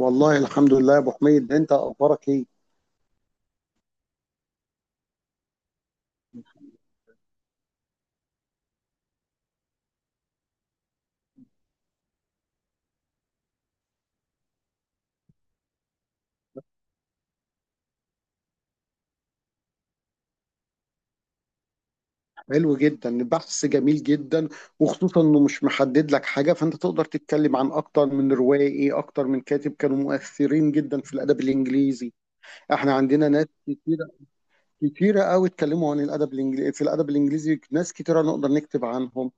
والله الحمد لله يا ابو حميد انت اخبارك ايه؟ حلو جدا، البحث جميل جدا، وخصوصا انه مش محدد لك حاجه، فانت تقدر تتكلم عن اكتر من روائي، اكتر من كاتب كانوا مؤثرين جدا في الادب الانجليزي. احنا عندنا ناس كتيره قوي اتكلموا عن الادب الانجليزي في الادب الانجليزي ناس كتيره نقدر نكتب عنهم.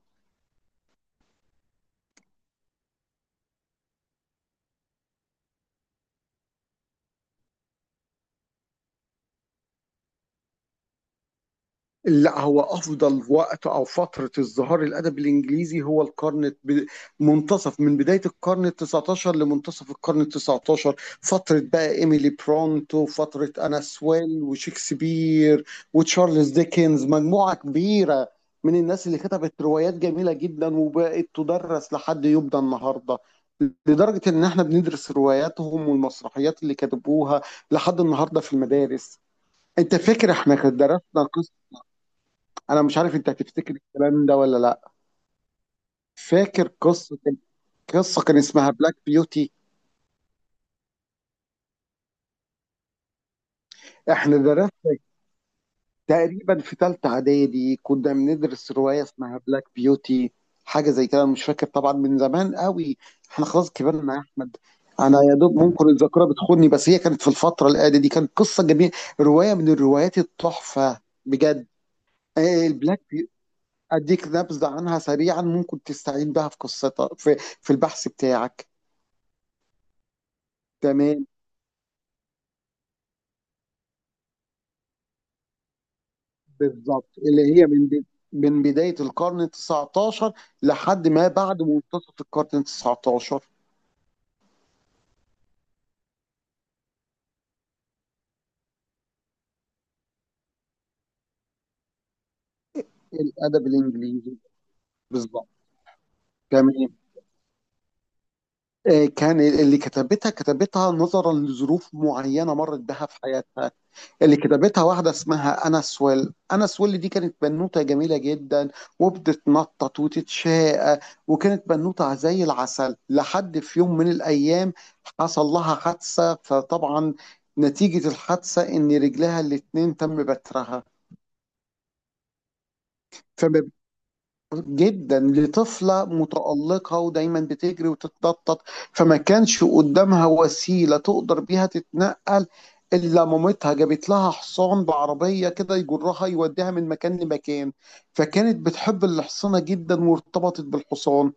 لا، هو افضل وقت او فتره ازدهار الادب الانجليزي هو منتصف من بدايه القرن ال 19 لمنتصف القرن ال 19. فتره بقى ايميلي برونتو، فتره انا سويل وشكسبير وتشارلز ديكنز، مجموعه كبيره من الناس اللي كتبت روايات جميله جدا وبقت تدرس لحد يبدى النهارده، لدرجه ان احنا بندرس رواياتهم والمسرحيات اللي كتبوها لحد النهارده في المدارس. انت فاكر احنا كنا درسنا؟ انا مش عارف انت هتفتكر الكلام ده ولا لا. فاكر قصه كان اسمها بلاك بيوتي. احنا درسنا تقريبا في ثالثه اعدادي كنا بندرس روايه اسمها بلاك بيوتي، حاجه زي كده. أنا مش فاكر طبعا من زمان قوي، احنا خلاص كبرنا يا احمد. انا يا دوب ممكن الذاكره بتخوني، بس هي كانت في الفتره الاعداديه دي، كانت قصه جميله، روايه من الروايات التحفه بجد. البلاك بيوتي اديك نبذه عنها سريعا ممكن تستعين بها في قصتها في في البحث بتاعك. تمام. بالظبط اللي هي من بداية القرن التسعتاشر لحد ما بعد منتصف القرن التسعتاشر. الأدب الإنجليزي. بالظبط. تمام. كان اللي كتبتها كتبتها نظرا لظروف معينة مرت بها في حياتها. اللي كتبتها واحدة اسمها أنا سويل. أنا سويل دي كانت بنوتة جميلة جدا وبتتنطط وتتشاقى، وكانت بنوتة زي العسل. لحد في يوم من الأيام حصل لها حادثة، فطبعا نتيجة الحادثة إن رجلها الاتنين تم بترها. فما جدا لطفلة متألقة ودايما بتجري وتتنطط. فما كانش قدامها وسيلة تقدر بيها تتنقل إلا مامتها جابت لها حصان بعربية كده يجرها، يوديها من مكان لمكان. فكانت بتحب الحصانة جدا وارتبطت بالحصان،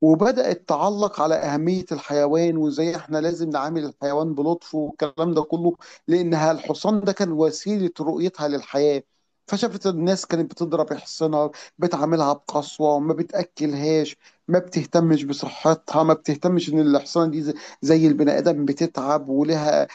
وبدأت تعلق على أهمية الحيوان وإزاي إحنا لازم نعامل الحيوان بلطف والكلام ده كله، لأنها الحصان ده كان وسيلة رؤيتها للحياة. فشافت الناس كانت بتضرب حصنها، بتعاملها بقسوة، ما بتأكلهاش، ما بتهتمش بصحتها، ما بتهتمش إن الحصانة دي زي زي البني آدم بتتعب، ولها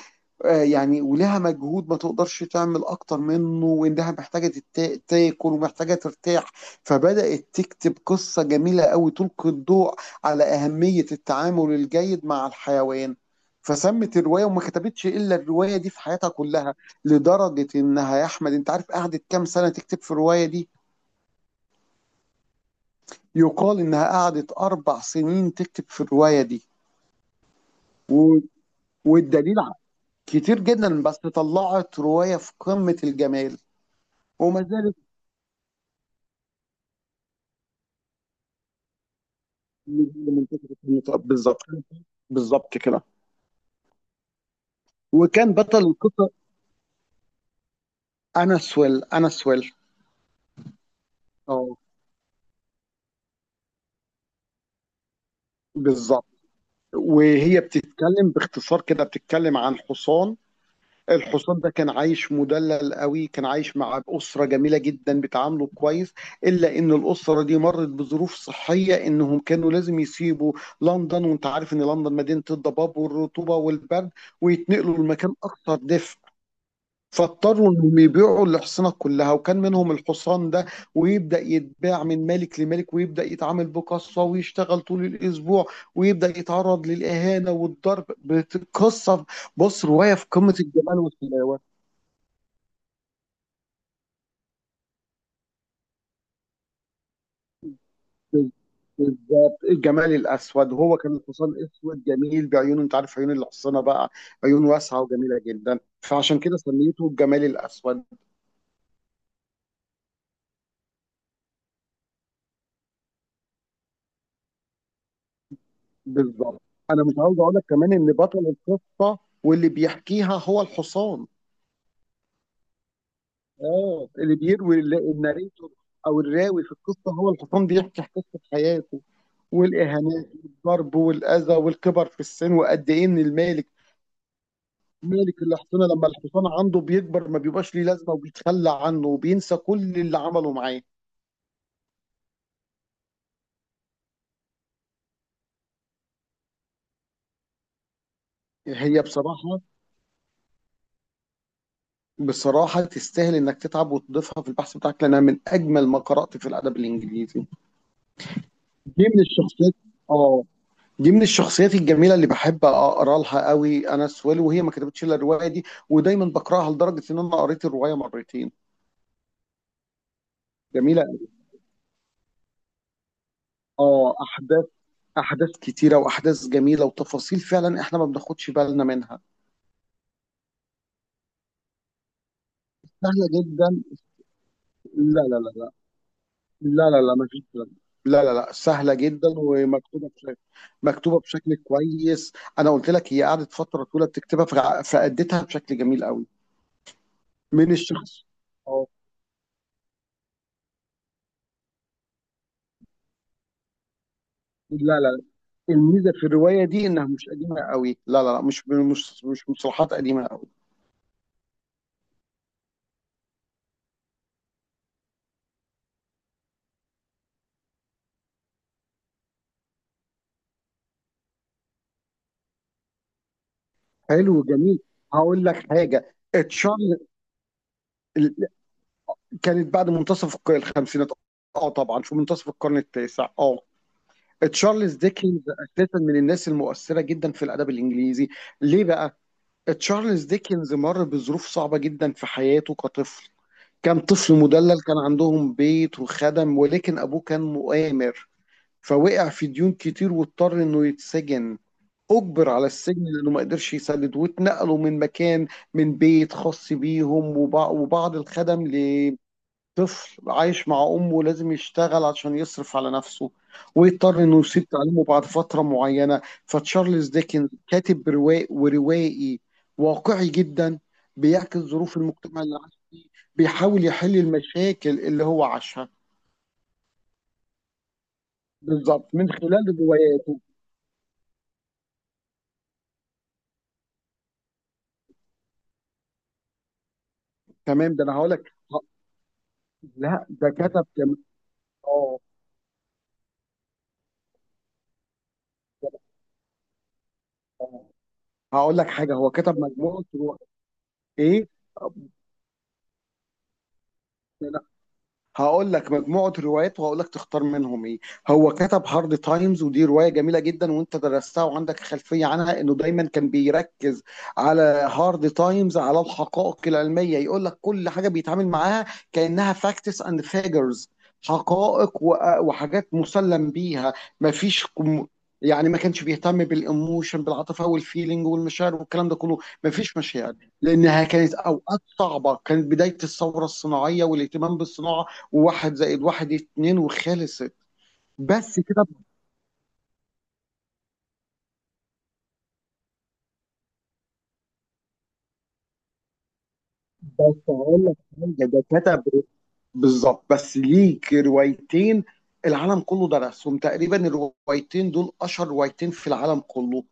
يعني ولها مجهود ما تقدرش تعمل اكتر منه، وانها محتاجه تاكل ومحتاجه ترتاح. فبدات تكتب قصه جميله قوي تلقي الضوء على اهميه التعامل الجيد مع الحيوان. فسمت الروايه، وما كتبتش الا الروايه دي في حياتها كلها. لدرجه انها، يا احمد انت عارف قعدت كام سنه تكتب في الروايه دي؟ يقال انها قعدت اربع سنين تكتب في الروايه دي، و... والدليل ع- كتير جدا، بس طلعت روايه في قمه الجمال وما زالت. منتخب النطاق بالظبط. بالظبط كده. وكان بطل القصه انس ويل. انس ويل. اه. بالظبط. وهي بتتكلم باختصار كده، بتتكلم عن حصان. الحصان ده كان عايش مدلل قوي، كان عايش مع أسرة جميلة جدا بتعامله كويس، إلا إن الأسرة دي مرت بظروف صحية، إنهم كانوا لازم يسيبوا لندن. وأنت عارف إن لندن مدينة الضباب والرطوبة والبرد، ويتنقلوا لمكان أكثر دفء. فاضطروا انهم يبيعوا الحصنه كلها، وكان منهم الحصان ده. ويبدا يتباع من ملك لملك، ويبدا يتعامل بقسوه، ويشتغل طول الاسبوع، ويبدا يتعرض للاهانه والضرب بتقصف. بص، روايه في قمه الجمال والحلاوه. بالظبط، الجمال الاسود. هو كان الحصان اسود جميل بعيونه، انت عارف عيون الحصانه بقى، عيون واسعه وجميله جدا، فعشان كده سميته الجمال الاسود. بالظبط. انا مش عاوز اقول لك كمان ان بطل القصه واللي بيحكيها هو الحصان. اه، اللي بيروي الناريتور او الراوي في القصه هو الحصان، بيحكي حكايه حياته والاهانات والضرب والاذى والكبر في السن، وقد ايه ان المالك، مالك الحصانه، لما الحصان عنده بيكبر ما بيبقاش ليه لازمه، وبيتخلى عنه، وبينسى كل اللي عمله معاه. هي بصراحه، بصراحه تستاهل انك تتعب وتضيفها في البحث بتاعك، لانها من اجمل ما قرات في الادب الانجليزي. دي من الشخصيات. اه. دي من الشخصيات الجميلة اللي باحب أقرا لها أوي. أنا سويل، وهي ما كتبتش إلا الرواية دي، ودايمًا باقراها لدرجة إن أنا قريت الرواية مرتين. جميلة قوي. أحداث، أحداث كتيرة، وأحداث جميلة، وتفاصيل فعلًا إحنا ما بناخدش بالنا منها. سهلة جدًا. لا، لا، لا، لا. لا، لا، لا، ما فيش الكلام ده. لا، لا، لأ، سهلة جدًا ومكتوبة بشكل، مكتوبة بشكل كويس. أنا قُلت لك هي قعدت فترة طويلة بتكتبها، فأدِّتها بشكل جميل أوي. من الشخص. آه، لا، لا، الميزه في الروايه دي انها مش قديمه قوي. لا لا لا، مش مصطلحات قديمه قوي. حلو، جميل. هقول لك حاجه. تشارلز كانت بعد منتصف الخمسينات. اه طبعا، شو منتصف القرن التاسع. اه. تشارلز ديكنز اساسا من الناس المؤثره جدا في الادب الانجليزي. ليه بقى؟ تشارلز ديكنز مر بظروف صعبه جدا في حياته كطفل. كان طفل مدلل، كان عندهم بيت وخدم، ولكن ابوه كان مؤامر، فوقع في ديون كتير واضطر انه يتسجن. اجبر على السجن لانه ما قدرش يسدد، واتنقلوا من مكان، من بيت خاص بيهم وبعض الخدم، لطفل عايش مع امه لازم يشتغل عشان يصرف على نفسه، ويضطر انه يسيب تعليمه بعد فتره معينه. فتشارلز ديكن كاتب رواق وروائي واقعي جدا، بيعكس ظروف المجتمع اللي عاش فيه، بيحاول يحل المشاكل اللي هو عاشها بالظبط من خلال رواياته. تمام، ده انا هقول لك، لا ده كتب كمان. اه. آه. هقول لك حاجه، هو كتب مجموعه روايات. ايه ده؟ هقول لك مجموعة روايات، وهقول لك تختار منهم ايه. هو كتب هارد تايمز، ودي رواية جميلة جدا وانت درستها وعندك خلفية عنها، انه دايما كان بيركز على، هارد تايمز على الحقائق العلمية، يقول لك كل حاجة بيتعامل معاها كأنها فاكتس اند فيجرز، حقائق و- وحاجات مسلم بيها. مفيش كم- يعني ما كانش بيهتم بالايموشن، بالعاطفة والفيلينج والمشاعر والكلام ده كله. مفيش مشاعر، لانها كانت اوقات صعبة، كانت بداية الثورة الصناعية والاهتمام بالصناعة، وواحد زائد واحد اتنين وخلصت. بس كده. بس هقول لك حاجه، ده كتب، بالظبط، بس ليك روايتين العالم كله درسهم تقريبا. الروايتين دول اشهر روايتين في العالم كله.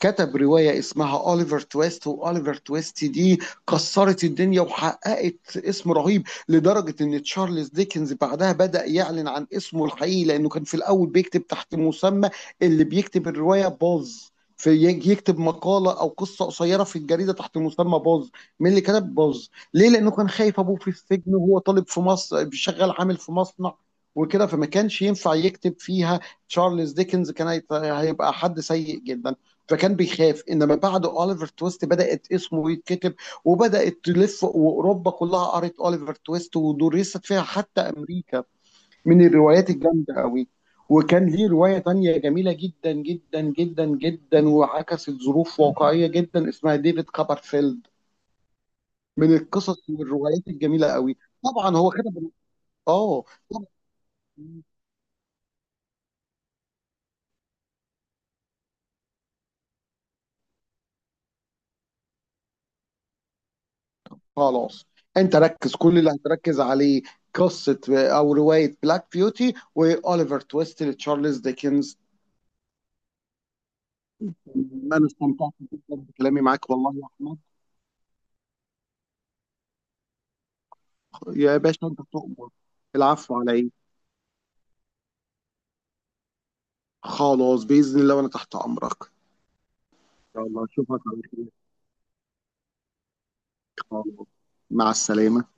كتب رواية اسمها أوليفر تويست، وأوليفر تويست دي كسرت الدنيا وحققت اسم رهيب، لدرجة إن تشارلز ديكنز بعدها بدأ يعلن عن اسمه الحقيقي، لأنه كان في الأول بيكتب تحت مسمى، اللي بيكتب الرواية باز، في يجي يكتب مقالة أو قصة قصيرة في الجريدة تحت مسمى باز. مين اللي كتب باز؟ ليه؟ لأنه كان خايف أبوه في السجن، وهو طالب في مصر شغال عامل في مصنع وكده، فما كانش ينفع يكتب فيها تشارلز ديكنز، كان هيبقى حد سيء جدا، فكان بيخاف. انما بعد اوليفر تويست بدات اسمه يتكتب، وبدات تلف واوروبا كلها قرت اوليفر تويست ودرست فيها، حتى امريكا. من الروايات الجامده قوي. وكان ليه روايه تانية جميله جدا جدا جدا جدا، وعكست ظروف واقعيه جدا، اسمها ديفيد كوبرفيلد. من القصص والروايات الجميله قوي. طبعا هو كتب. اه. طبعا. خلاص، انت ركز كل اللي هتركز عليه قصة او رواية بلاك بيوتي واوليفر تويست لتشارلز ديكنز. انا استمتعت جدا بكلامي معاك والله يا احمد. يا باشا انت تؤمر. العفو علي. خلاص بإذن الله، وانا تحت امرك ان شاء الله، اشوفك على خير. خلاص، مع السلامة.